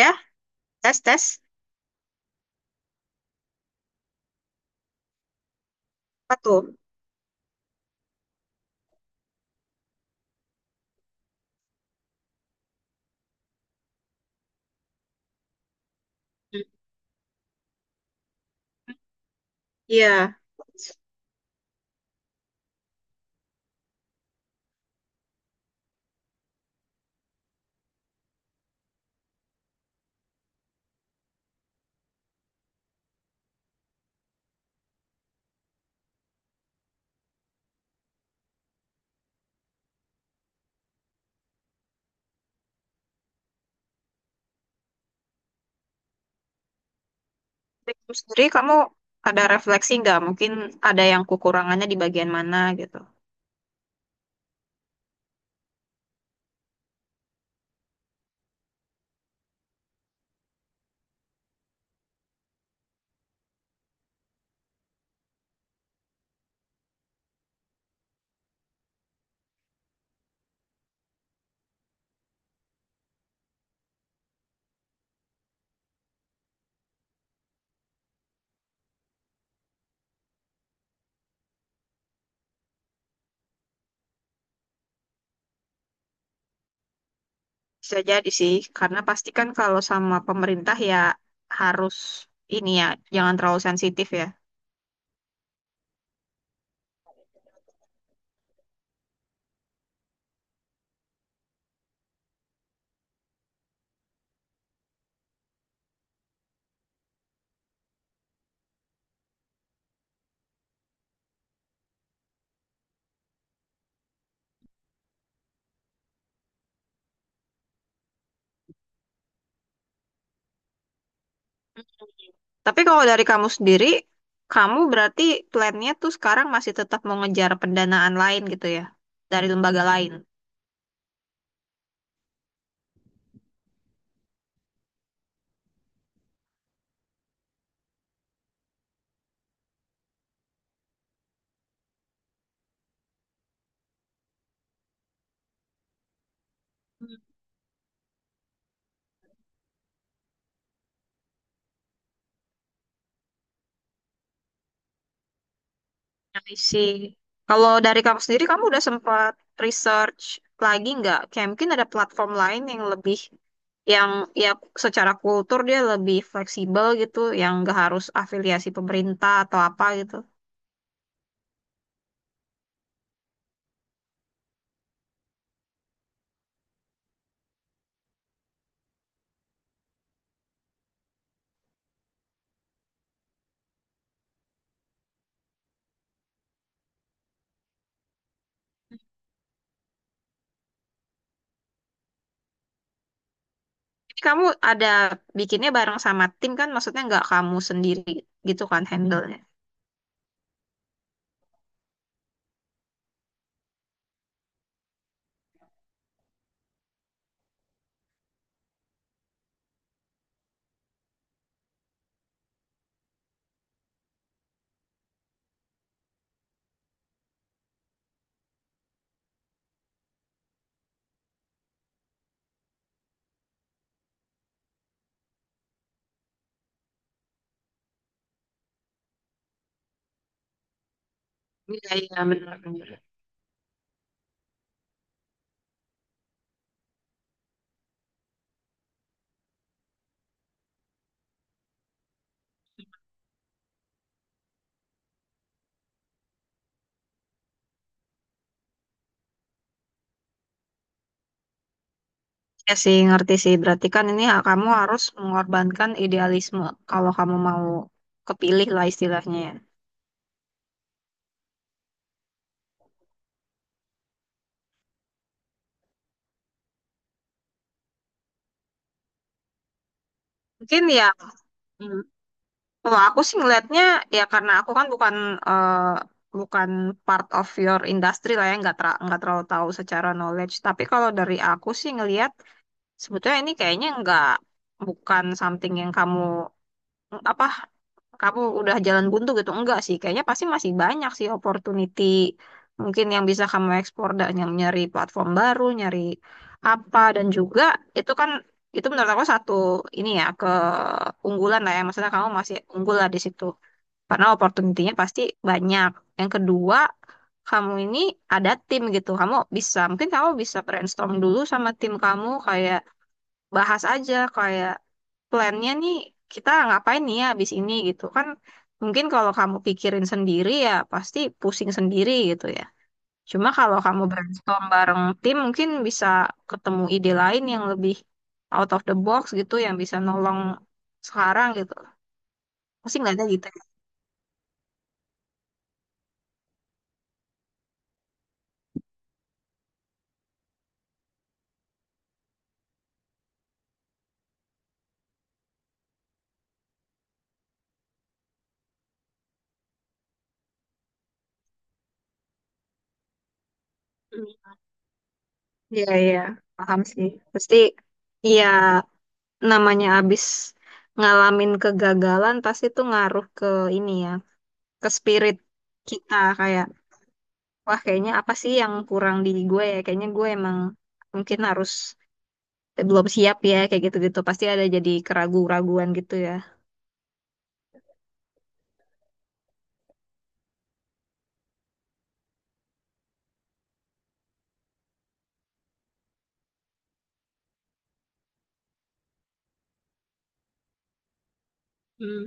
Ya, tes tes, apa tuh? Iya. Dari kamu sendiri, kamu ada refleksi nggak? Mungkin ada yang kekurangannya di bagian mana gitu. Bisa jadi sih, karena pasti kan kalau sama pemerintah ya harus ini ya, jangan terlalu sensitif ya. Tapi kalau dari kamu sendiri, kamu berarti plannya tuh sekarang masih tetap mau ngejar pendanaan lain gitu ya, dari lembaga lain. I see. Kalau dari kamu sendiri, kamu udah sempat research lagi nggak? Kayak mungkin ada platform lain yang lebih, yang ya secara kultur dia lebih fleksibel gitu, yang nggak harus afiliasi pemerintah atau apa gitu. Ini kamu ada bikinnya bareng sama tim kan? Maksudnya nggak kamu sendiri gitu kan handle-nya? Iya, iya, benar, benar. Ya sih, ngerti sih. Berarti kan ini hak kamu harus mengorbankan idealisme kalau kamu mau kepilih lah istilahnya ya. Mungkin ya. Kalau aku sih ngelihatnya, ya karena aku kan bukan eh, bukan part of your industry lah ya, nggak nggak terlalu tahu secara knowledge. Tapi kalau dari aku sih ngelihat sebetulnya ini kayaknya nggak, bukan something yang kamu apa, kamu udah jalan buntu gitu enggak sih? Kayaknya pasti masih banyak sih opportunity mungkin yang bisa kamu ekspor dan yang nyari platform baru, nyari apa, dan juga itu kan, itu menurut aku satu ini ya, keunggulan lah ya, maksudnya kamu masih unggul lah di situ karena opportunity-nya pasti banyak. Yang kedua, kamu ini ada tim gitu. Kamu bisa, mungkin kamu bisa brainstorm dulu sama tim kamu, kayak bahas aja, kayak plannya nih kita ngapain nih ya abis ini gitu kan. Mungkin kalau kamu pikirin sendiri ya pasti pusing sendiri gitu ya. Cuma kalau kamu brainstorm bareng tim mungkin bisa ketemu ide lain yang lebih out of the box gitu yang bisa nolong sekarang gitu. Pasti nggak ada gitu. Ya. Iya, iya, paham sih. Pasti, iya, namanya abis ngalamin kegagalan, pasti tuh ngaruh ke ini ya, ke spirit kita. Kayak, wah kayaknya apa sih yang kurang di gue ya? Kayaknya gue emang mungkin harus belum siap ya, kayak gitu-gitu. Pasti ada jadi keraguan keraguan gitu ya. Hmm,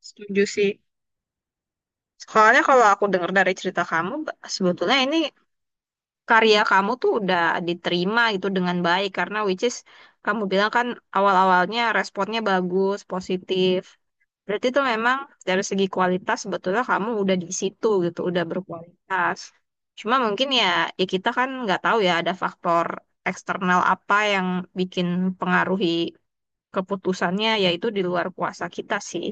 setuju sih. Soalnya kalau aku dengar dari cerita kamu, sebetulnya ini karya kamu tuh udah diterima gitu dengan baik karena which is kamu bilang kan awal-awalnya responnya bagus, positif. Berarti itu memang dari segi kualitas sebetulnya kamu udah di situ gitu, udah berkualitas. Cuma mungkin ya, ya kita kan nggak tahu ya ada faktor eksternal apa yang bikin pengaruhi keputusannya, yaitu di luar kuasa kita sih.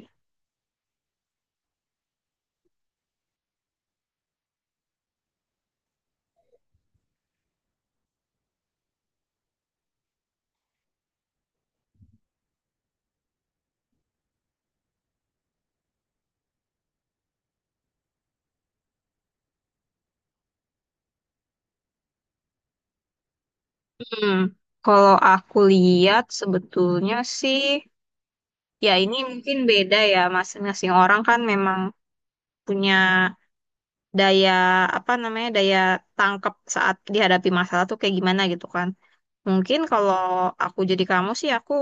Hmm. Kalau aku lihat sebetulnya sih, ya, ini mungkin beda ya, masing-masing orang kan memang punya daya, apa namanya, daya tangkap saat dihadapi masalah tuh kayak gimana gitu kan. Mungkin kalau aku jadi kamu sih, aku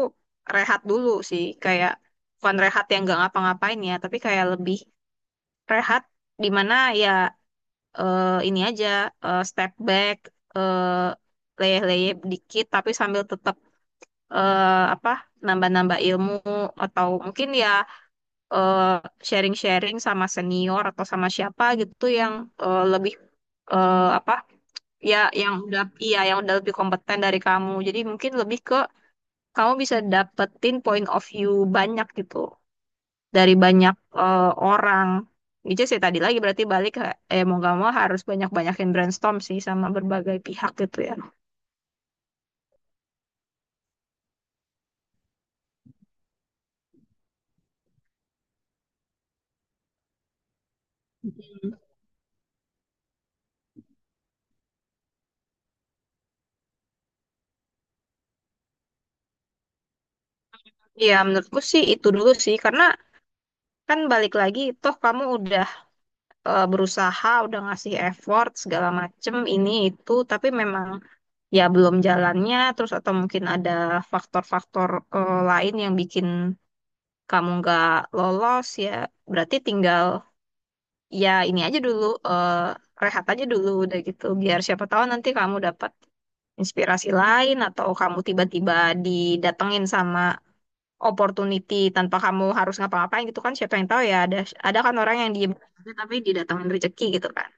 rehat dulu sih, kayak bukan rehat yang gak ngapa-ngapain ya, tapi kayak lebih rehat di mana ya, ini aja, step back, eh, leyeh-leyeh dikit, tapi sambil tetap eh, apa, nambah-nambah ilmu atau mungkin ya eh, sharing-sharing sama senior atau sama siapa gitu yang lebih apa ya, yang udah, iya yang udah lebih kompeten dari kamu. Jadi mungkin lebih ke kamu bisa dapetin point of view banyak gitu dari banyak eh, orang. Itu sih tadi lagi berarti balik ke- eh mau gak mau harus banyak-banyakin brainstorm sih sama berbagai pihak gitu ya. Iya, menurutku sih itu dulu sih, karena kan balik lagi toh kamu udah berusaha udah ngasih effort segala macem ini itu, tapi memang ya belum jalannya, terus atau mungkin ada faktor-faktor lain yang bikin kamu nggak lolos ya, berarti tinggal ya ini aja dulu, eh, rehat aja dulu udah gitu biar siapa tahu nanti kamu dapat inspirasi lain atau kamu tiba-tiba didatengin sama opportunity tanpa kamu harus ngapa-ngapain gitu kan, siapa yang tahu ya, ada kan orang yang diem aja tapi didatengin rezeki gitu kan.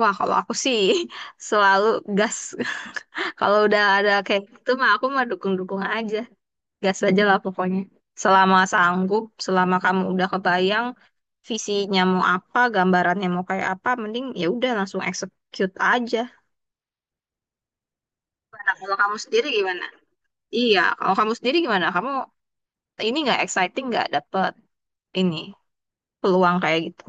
Wah, kalau aku sih selalu gas. Kalau udah ada kayak gitu mah aku mah dukung-dukung aja. Gas aja lah pokoknya. Selama sanggup, selama kamu udah kebayang visinya mau apa, gambarannya mau kayak apa, mending ya udah langsung execute aja. Nah, kalau kamu sendiri gimana? Iya, kalau kamu sendiri gimana? Kamu ini nggak exciting nggak dapet ini peluang kayak gitu?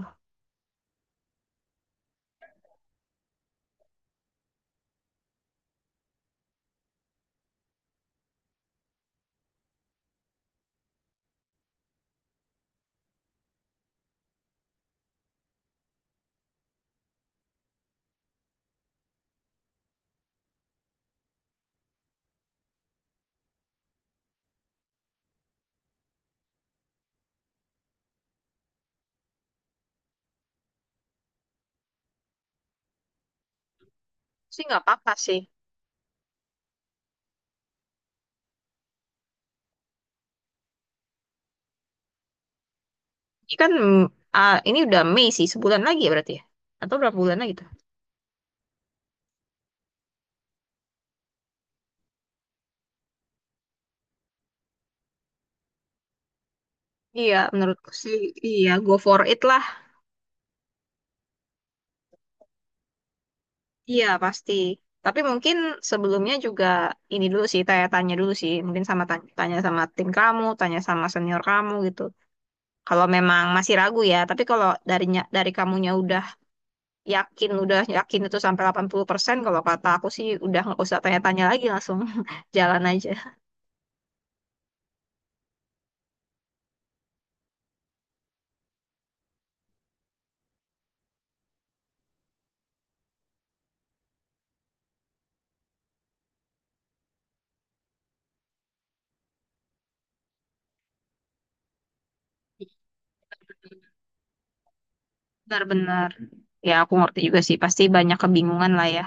Sih nggak apa-apa sih. Ini kan mm, ah, ini udah Mei sih, sebulan lagi ya berarti ya? Atau berapa bulan lagi tuh? Iya, menurutku sih iya, go for it lah. Iya, pasti. Tapi mungkin sebelumnya juga ini dulu sih, tanya-tanya dulu sih, mungkin sama tanya, tanya sama tim kamu, tanya sama senior kamu gitu. Kalau memang masih ragu ya, tapi kalau darinya dari kamunya udah yakin itu sampai 80%, kalau kata aku sih udah nggak usah tanya-tanya lagi, langsung jalan aja. Benar-benar. Ya, aku ngerti juga sih. Pasti banyak kebingungan lah ya.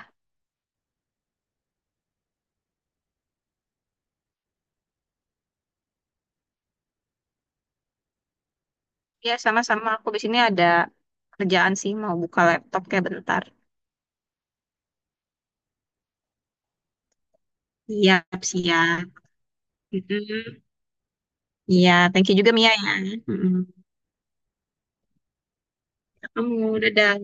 Ya, sama-sama. Aku di sini ada kerjaan sih. Mau buka laptop kayak bentar. Siap, siap. Mm-mm. Iya, thank you juga Mia ya. Mm-mm. Ketemu, dadah.